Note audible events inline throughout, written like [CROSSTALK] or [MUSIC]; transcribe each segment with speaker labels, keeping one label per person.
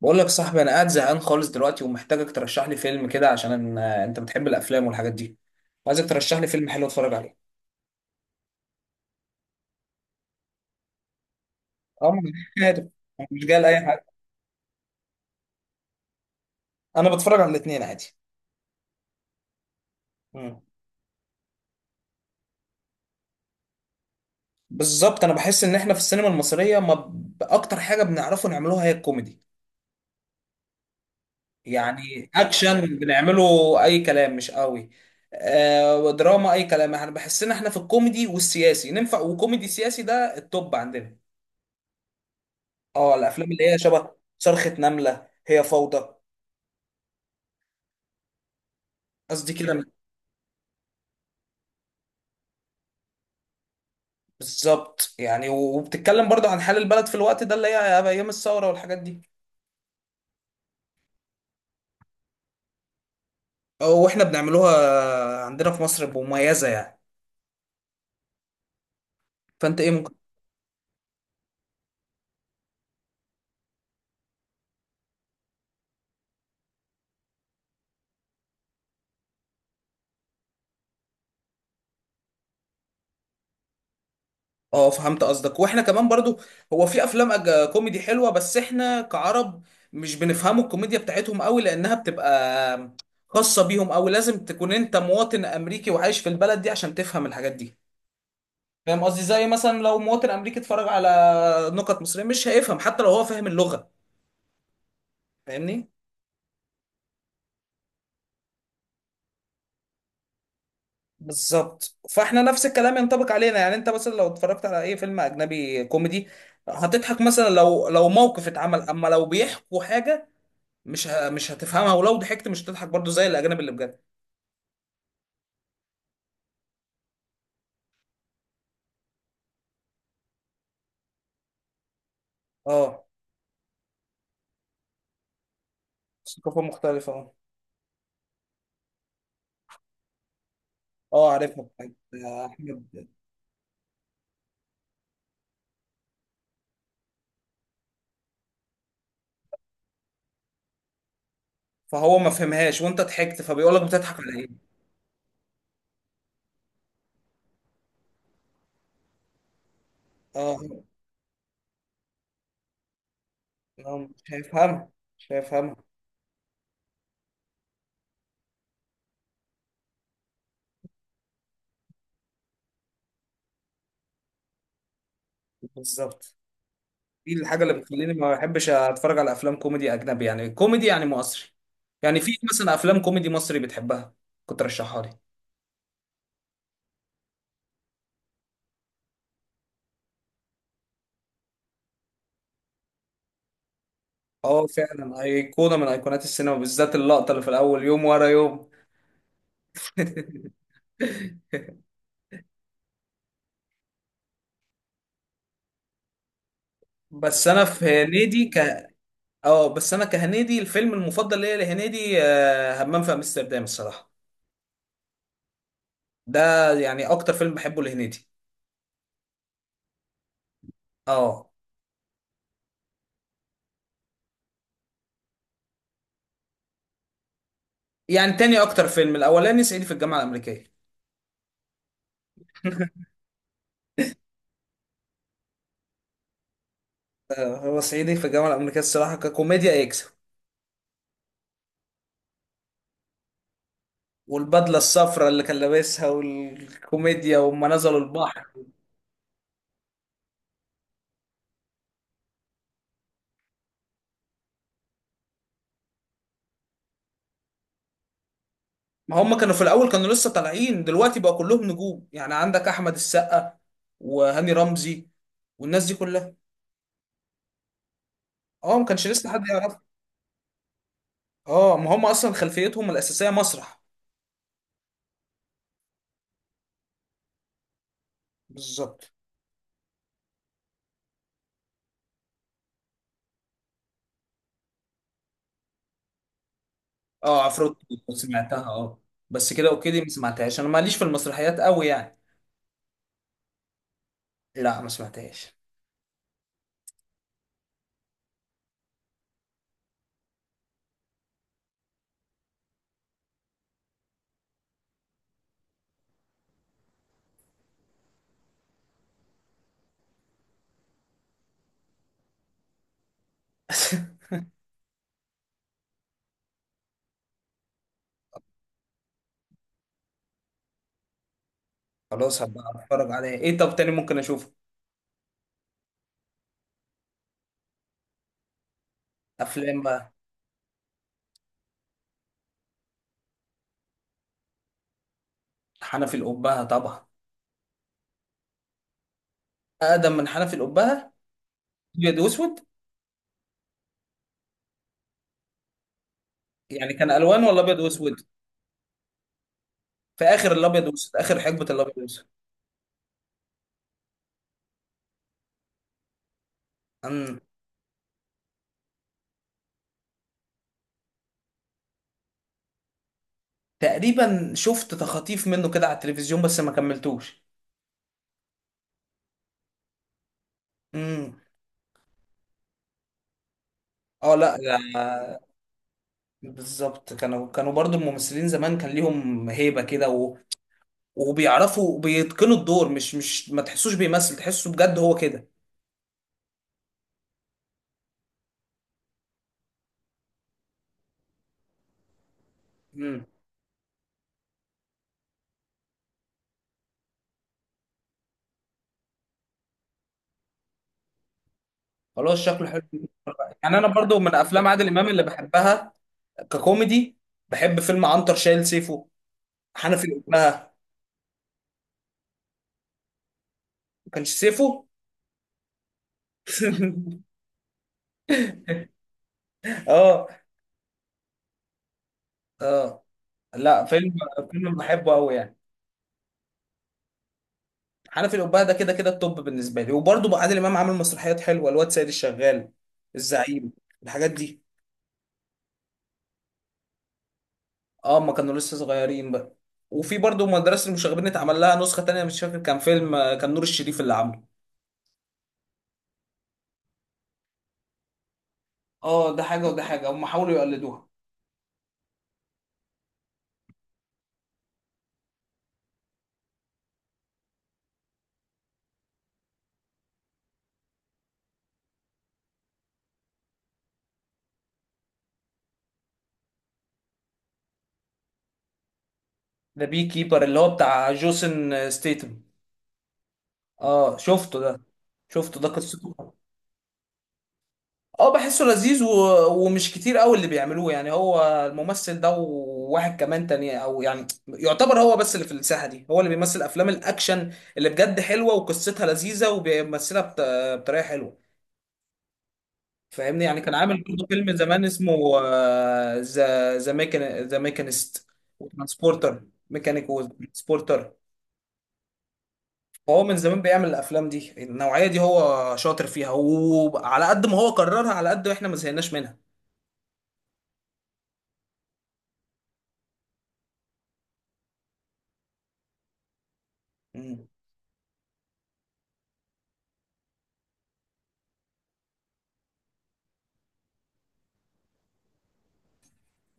Speaker 1: بقول لك يا صاحبي، انا قاعد زهقان خالص دلوقتي ومحتاجك ترشح لي فيلم كده، عشان انت بتحب الافلام والحاجات دي. عايزك ترشح لي فيلم حلو اتفرج عليه. اه، ما أنا عارف. أنا مش جاي لاي حاجه. انا بتفرج على الاثنين عادي. مم. بالظبط، انا بحس ان احنا في السينما المصريه ما ب- اكتر حاجه بنعرفه نعملوها هي الكوميدي. يعني اكشن بنعمله اي كلام، مش قوي. دراما اي كلام، احنا بحس ان احنا في الكوميدي والسياسي ننفع، وكوميدي سياسي ده التوب عندنا. اه، الافلام اللي هي شبه صرخه نمله، هي فوضى. قصدي كده. بالظبط، يعني وبتتكلم برضو عن حال البلد في الوقت ده اللي هي ايام الثوره والحاجات دي. واحنا بنعملوها عندنا في مصر بمميزه يعني. فانت ايه ممكن؟ اه، فهمت قصدك. واحنا كمان برضو هو في افلام كوميدي حلوه، بس احنا كعرب مش بنفهموا الكوميديا بتاعتهم قوي، لانها بتبقى خاصه بيهم. او لازم تكون انت مواطن امريكي وعايش في البلد دي عشان تفهم الحاجات دي. فاهم قصدي؟ زي مثلا لو مواطن امريكي اتفرج على نكت مصريه مش هيفهم، حتى لو هو فاهم اللغه. فاهمني؟ بالظبط، فاحنا نفس الكلام ينطبق علينا. يعني انت مثلا لو اتفرجت على اي فيلم اجنبي كوميدي هتضحك مثلا لو موقف اتعمل، اما لو بيحكوا حاجه مش هتفهمها، ولو ضحكت مش هتضحك برضو زي الاجانب اللي بجد. اه، ثقافه مختلفه اه. اه عارفها، بتاعت احمد. فهو ما فهمهاش وانت ضحكت فبيقول لك بتضحك على ايه؟ اه. مش هيفهمها. مش هيفهمها. بالظبط، دي الحاجه اللي بتخليني ما بحبش اتفرج على افلام كوميدي اجنبي. يعني كوميدي يعني مصري. يعني في مثلا افلام كوميدي مصري بتحبها كنت رشحها لي. اه فعلا، ايقونه من ايقونات السينما، بالذات اللقطه اللي في الاول يوم ورا يوم. بس انا في هنيدي اه. بس انا كهنيدي الفيلم المفضل ليا لهنيدي همام في امستردام الصراحه. ده يعني اكتر فيلم بحبه لهنيدي. اه، يعني تاني اكتر فيلم الاولاني صعيدي في الجامعه الامريكيه. [LAUGHS] هو صعيدي في الجامعه الامريكيه الصراحه ككوميديا يكسب. والبدله الصفراء اللي كان لابسها والكوميديا وهم نزلوا البحر. ما هم كانوا في الاول كانوا لسه طالعين، دلوقتي بقى كلهم نجوم. يعني عندك احمد السقا وهاني رمزي والناس دي كلها. اه، ما كانش لسه حد يعرف. اه، ما هم اصلا خلفيتهم الاساسيه مسرح. بالظبط. اه عفروت، سمعتها اه. بس كده اوكي دي ما سمعتهاش، انا ماليش في المسرحيات قوي يعني. لا، ما سمعتهاش. [LAUGHS] خلاص، هبقى اتفرج عليها. ايه طب تاني ممكن اشوفه؟ افلام بقى. حنفي الأبهة طبعا. اقدم من حنفي القبه. ابيض واسود؟ يعني كان الوان ولا ابيض واسود؟ في اخر الابيض واسود، اخر حقبه الابيض واسود. امم. تقريبا شفت تخاطيف منه كده على التلفزيون، بس ما كملتوش. امم. اه، لا لا. بالظبط، كانوا برضو الممثلين زمان كان ليهم هيبه كده وبيعرفوا بيتقنوا الدور. مش ما تحسوش بيمثل، تحسه بجد هو كده. امم. خلاص، شكله حلو. يعني انا برضو من افلام عادل امام اللي بحبها ككوميدي، بحب فيلم عنتر شايل سيفه، حنفي الأبهة. كانش سيفو. [LAUGHS] اه اه. لا، فيلم فيلم بحبه قوي يعني. حنفي الأبهة ده كده كده التوب بالنسبه لي. وبرضه بقى عادل امام عامل مسرحيات حلوه: الواد سيد الشغال، الزعيم، الحاجات دي. اه، ما كانوا لسه صغيرين بقى. وفي برضه مدرسه المشاغبين اتعمل لها نسخه تانية، مش فاكر كان فيلم كان نور الشريف اللي عامله. اه، ده حاجه وده حاجه، هم حاولوا يقلدوها. ده بي كيبر اللي هو بتاع جوسن ستيتم. اه شفته ده. شفته ده قصته. اه، بحسه لذيذ ومش كتير قوي اللي بيعملوه يعني. هو الممثل ده وواحد كمان تاني، او يعني يعتبر هو بس اللي في الساحة دي هو اللي بيمثل افلام الاكشن اللي بجد حلوة وقصتها لذيذة وبيمثلها بطريقة حلوة. فاهمني؟ يعني كان عامل برضه فيلم زمان اسمه ذا ميكانيست، وترانسبورتر. ميكانيك وترانسبورتر. فهو من زمان بيعمل الافلام دي النوعية دي، هو شاطر فيها، وعلى قد ما هو كررها على قد ما احنا ما زهقناش منها.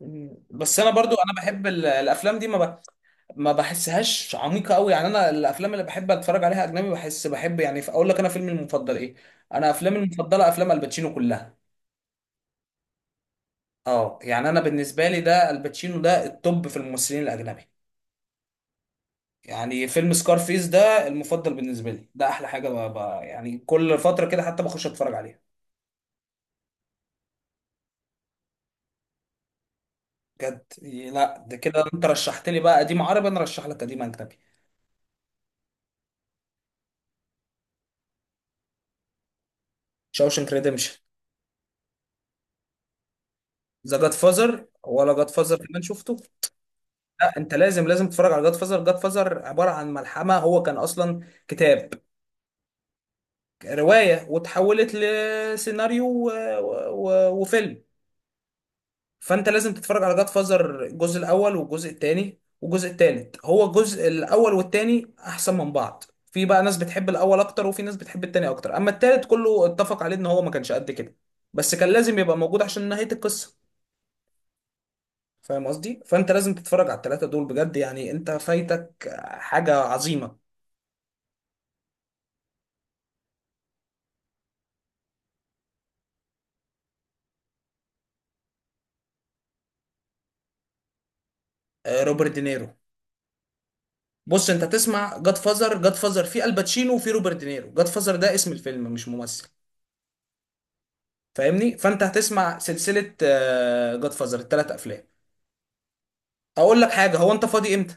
Speaker 1: مم. بس انا برضو انا بحب الافلام دي، ما بحسهاش عميقه قوي. يعني انا الافلام اللي بحب اتفرج عليها اجنبي، بحب يعني، اقول لك انا فيلمي المفضل ايه. انا افلامي المفضله افلام الباتشينو كلها. اه، يعني انا بالنسبه لي ده الباتشينو ده التوب في الممثلين الاجنبي. يعني فيلم سكارفيس ده المفضل بالنسبه لي، ده احلى حاجه يعني كل فتره كده حتى بخش اتفرج عليها. بجد؟ لا، ده كده انت رشحت لي بقى قديم عربي، انا رشح لك قديم اجنبي. شاوشنك ريديمشن. ذا جاد فازر ولا جاد فازر كمان شفته. لا، انت لازم تتفرج على جاد فازر. جاد فازر عباره عن ملحمه، هو كان اصلا كتاب، روايه، وتحولت لسيناريو وفيلم. فانت لازم تتفرج على جاد فازر الجزء الاول والجزء الثاني والجزء الثالث. هو الجزء الاول والثاني احسن من بعض، في بقى ناس بتحب الاول اكتر، وفي ناس بتحب الثاني اكتر. اما الثالث كله اتفق عليه ان هو ما كانش قد كده، بس كان لازم يبقى موجود عشان نهايه القصه. فاهم قصدي؟ فانت لازم تتفرج على الثلاثه دول بجد، يعني انت فايتك حاجه عظيمه. روبرت دينيرو. بص، انت تسمع جاد فازر. جاد فازر في الباتشينو وفي روبرت دينيرو. جاد فازر ده اسم الفيلم مش ممثل. فاهمني؟ فانت هتسمع سلسله جاد فازر الثلاث افلام. اقول لك حاجه: هو انت فاضي امتى؟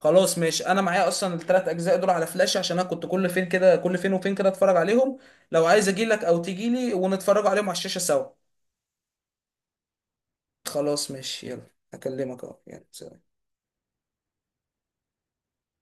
Speaker 1: خلاص، ماشي. انا معايا اصلا الثلاث اجزاء دول على فلاش، عشان انا كنت كل فين كده كل فين وفين كده اتفرج عليهم. لو عايز اجي لك او تجي لي ونتفرج عليهم على الشاشه سوا. خلاص ماشي، يلا هكلمك اهو، يلا سلام.